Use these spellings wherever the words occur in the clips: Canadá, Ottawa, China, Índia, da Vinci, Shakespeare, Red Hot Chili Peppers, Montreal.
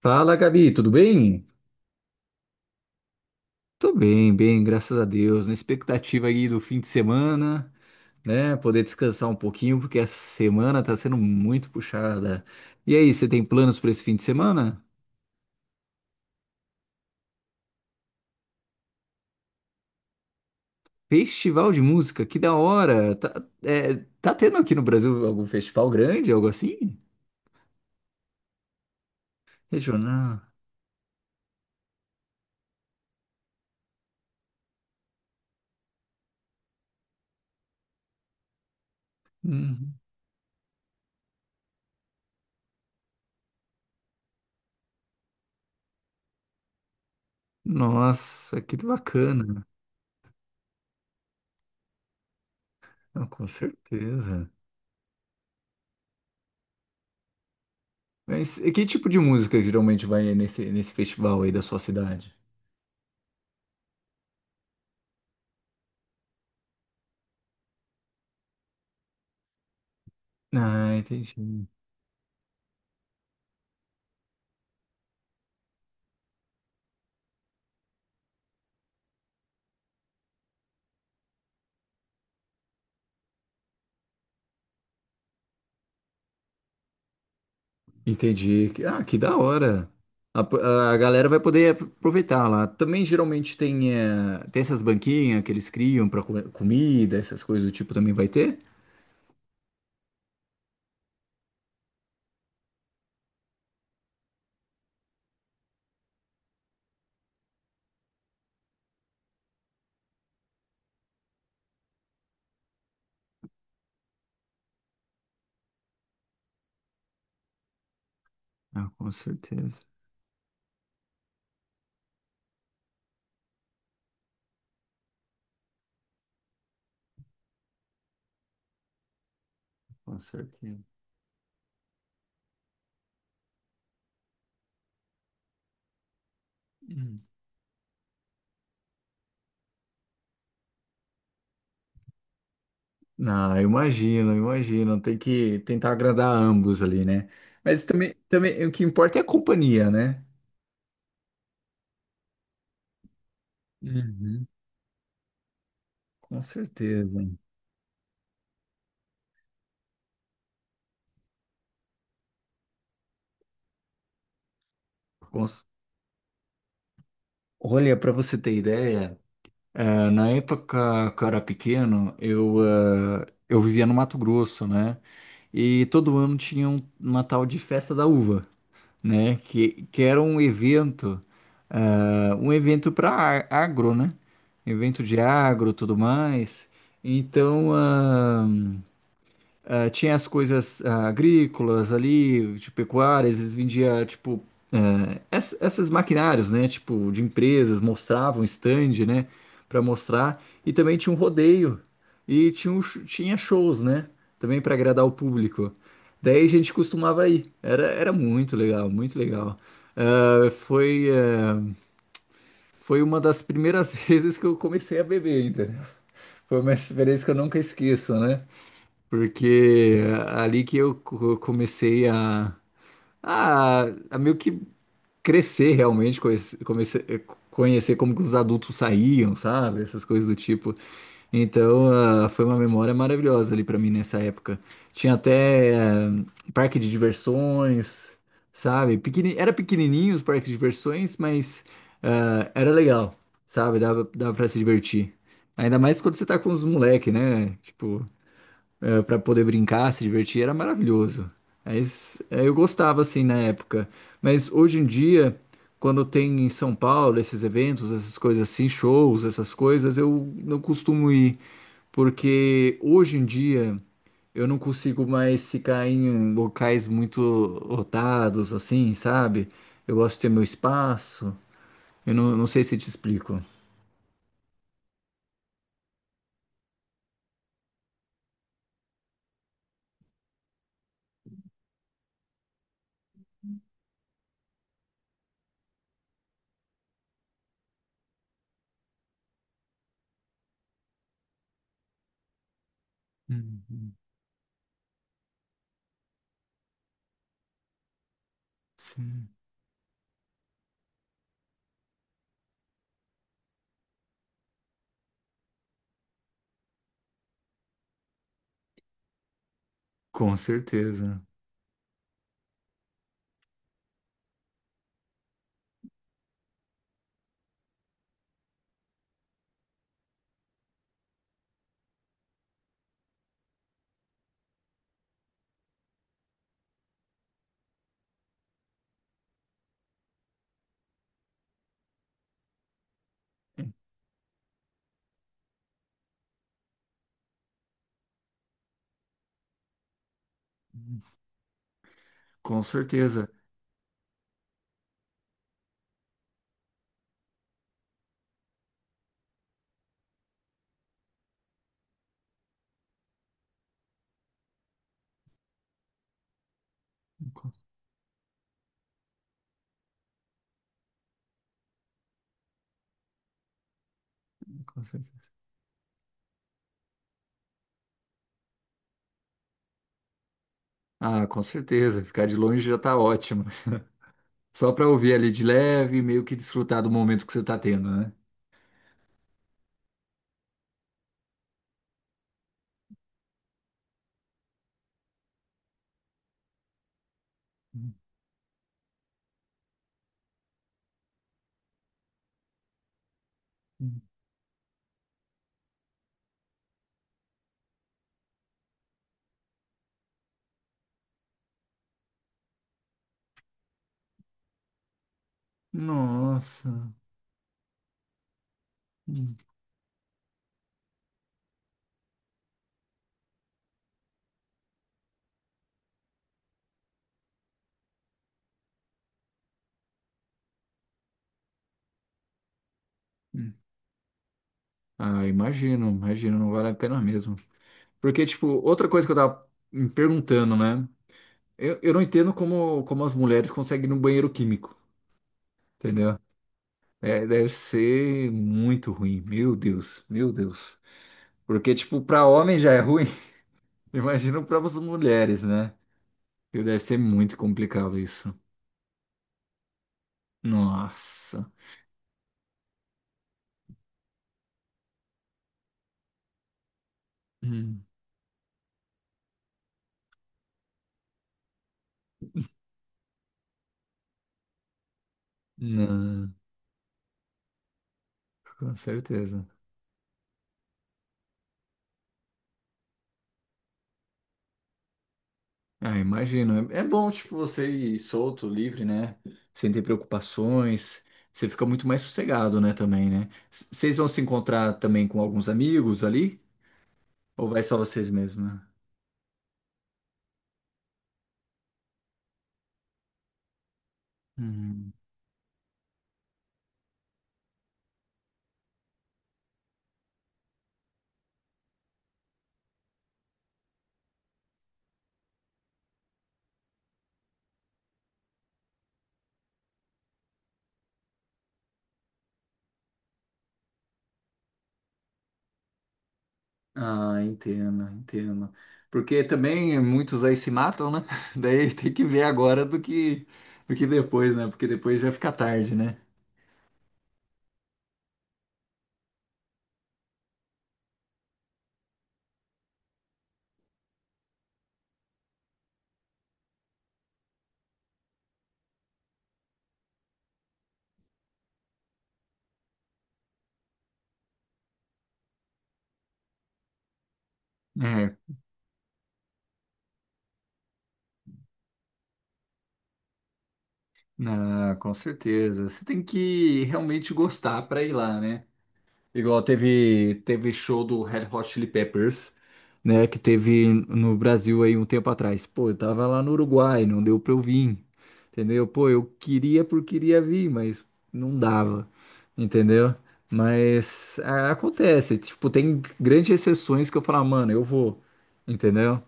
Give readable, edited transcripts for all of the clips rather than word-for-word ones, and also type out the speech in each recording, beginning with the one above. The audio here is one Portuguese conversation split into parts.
Fala, Gabi, tudo bem? Tô bem, bem, graças a Deus. Na expectativa aí do fim de semana, né? Poder descansar um pouquinho, porque a semana tá sendo muito puxada. E aí, você tem planos para esse fim de semana? Festival de música, que da hora! Tá tendo aqui no Brasil algum festival grande, algo assim? Regional? Hum, Nossa, que bacana! Ah, com certeza. Mas e que tipo de música geralmente vai nesse festival aí da sua cidade? Ah, entendi. Entendi. Que da hora. A galera vai poder aproveitar lá. Também geralmente tem essas banquinhas que eles criam para comida, essas coisas do tipo também vai ter? Ah, com certeza. Com certeza. Hum. Não, eu imagino, eu imagino. Tem que tentar agradar ambos ali, né? Mas também o que importa é a companhia, né? Uhum. Com certeza. Com Olha, para você ter ideia. É, na época que eu era pequeno, eu vivia no Mato Grosso, né? E todo ano tinha uma tal de Festa da Uva, né? Que era um evento, para agro, né? Evento de agro, tudo mais. Então, tinha as coisas agrícolas ali, de pecuárias, eles vendiam, tipo, essas maquinários, né? Tipo, de empresas, mostravam stand, né? Pra mostrar. E também tinha um rodeio. E tinha shows, né? Também pra agradar o público. Daí a gente costumava ir. Era muito legal, muito legal. Ah, foi uma das primeiras vezes que eu comecei a beber, entendeu? Foi uma experiência que eu nunca esqueço, né? Porque é ali que eu comecei a, a meio que crescer realmente, comecei a conhecer como que os adultos saíam, sabe? Essas coisas do tipo. Então, foi uma memória maravilhosa ali pra mim nessa época. Tinha até parque de diversões, sabe? Era pequenininho os parques de diversões, mas era legal, sabe? Dava para se divertir. Ainda mais quando você tá com os moleques, né? Tipo para poder brincar, se divertir, era maravilhoso. Aí, eu gostava assim na época, mas hoje em dia, quando tem em São Paulo esses eventos, essas coisas assim, shows, essas coisas, eu não costumo ir, porque hoje em dia eu não consigo mais ficar em locais muito lotados assim, sabe? Eu gosto de ter meu espaço. Eu não sei se te explico. Uhum. Sim. Com certeza. Uhum. Com certeza. Com, com certeza. Ah, com certeza. Ficar de longe já tá ótimo. Só pra ouvir ali de leve, meio que desfrutar do momento que você tá tendo, né? Hum. Nossa. Hum, hum. Ah, imagino, imagino, não vale a pena mesmo. Porque, tipo, outra coisa que eu tava me perguntando, né? Eu não entendo como as mulheres conseguem ir no banheiro químico, entendeu? É, deve ser muito ruim. Meu Deus, meu Deus. Porque, tipo, pra homem já é ruim. Imagino para as mulheres, né? E deve ser muito complicado isso. Nossa. Hum. Não, com certeza. Ah, imagino. É bom, tipo, você ir solto, livre, né? Sem ter preocupações. Você fica muito mais sossegado, né, também, né? Vocês vão se encontrar também com alguns amigos ali? Ou vai só vocês mesmos? Né? Hum. Ah, entendo, entendo. Porque também muitos aí se matam, né? Daí tem que ver agora do que, depois, né? Porque depois já fica tarde, né? É, ah, com certeza. Você tem que realmente gostar para ir lá, né? Igual teve show do Red Hot Chili Peppers, né? Que teve no Brasil aí um tempo atrás. Pô, eu tava lá no Uruguai, não deu pra eu vir, entendeu? Pô, eu queria por queria vir, mas não dava, entendeu? Mas acontece, tipo, tem grandes exceções que eu falo, "Ah, mano, eu vou, entendeu?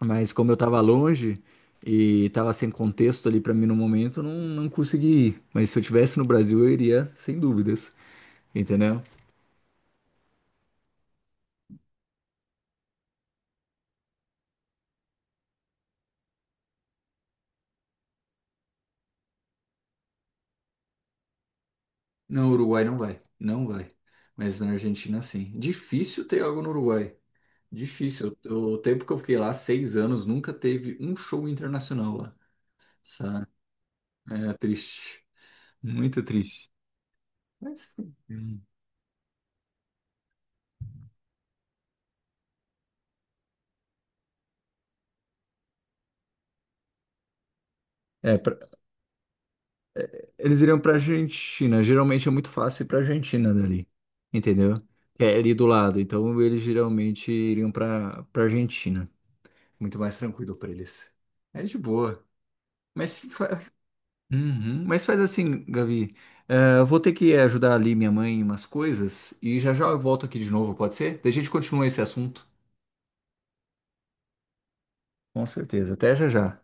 Mas como eu tava longe e tava sem contexto ali pra mim no momento, eu não consegui ir. Mas se eu tivesse no Brasil, eu iria sem dúvidas, entendeu? Não, Uruguai não vai. Não vai. Mas na Argentina, sim. Difícil ter algo no Uruguai. Difícil. O tempo que eu fiquei lá, 6 anos, nunca teve um show internacional lá. Sabe? É triste. Muito triste. Mas. Hum. É, Eles iriam pra Argentina. Geralmente é muito fácil ir pra Argentina dali. Entendeu? Que é ali do lado. Então eles geralmente iriam pra Argentina. Muito mais tranquilo pra eles. É de boa. Mas, fa- Uhum. Mas faz assim, Gabi. Eu vou ter que ajudar ali minha mãe em umas coisas. E já já eu volto aqui de novo, pode ser? Daí a gente continua esse assunto. Com certeza. Até já já.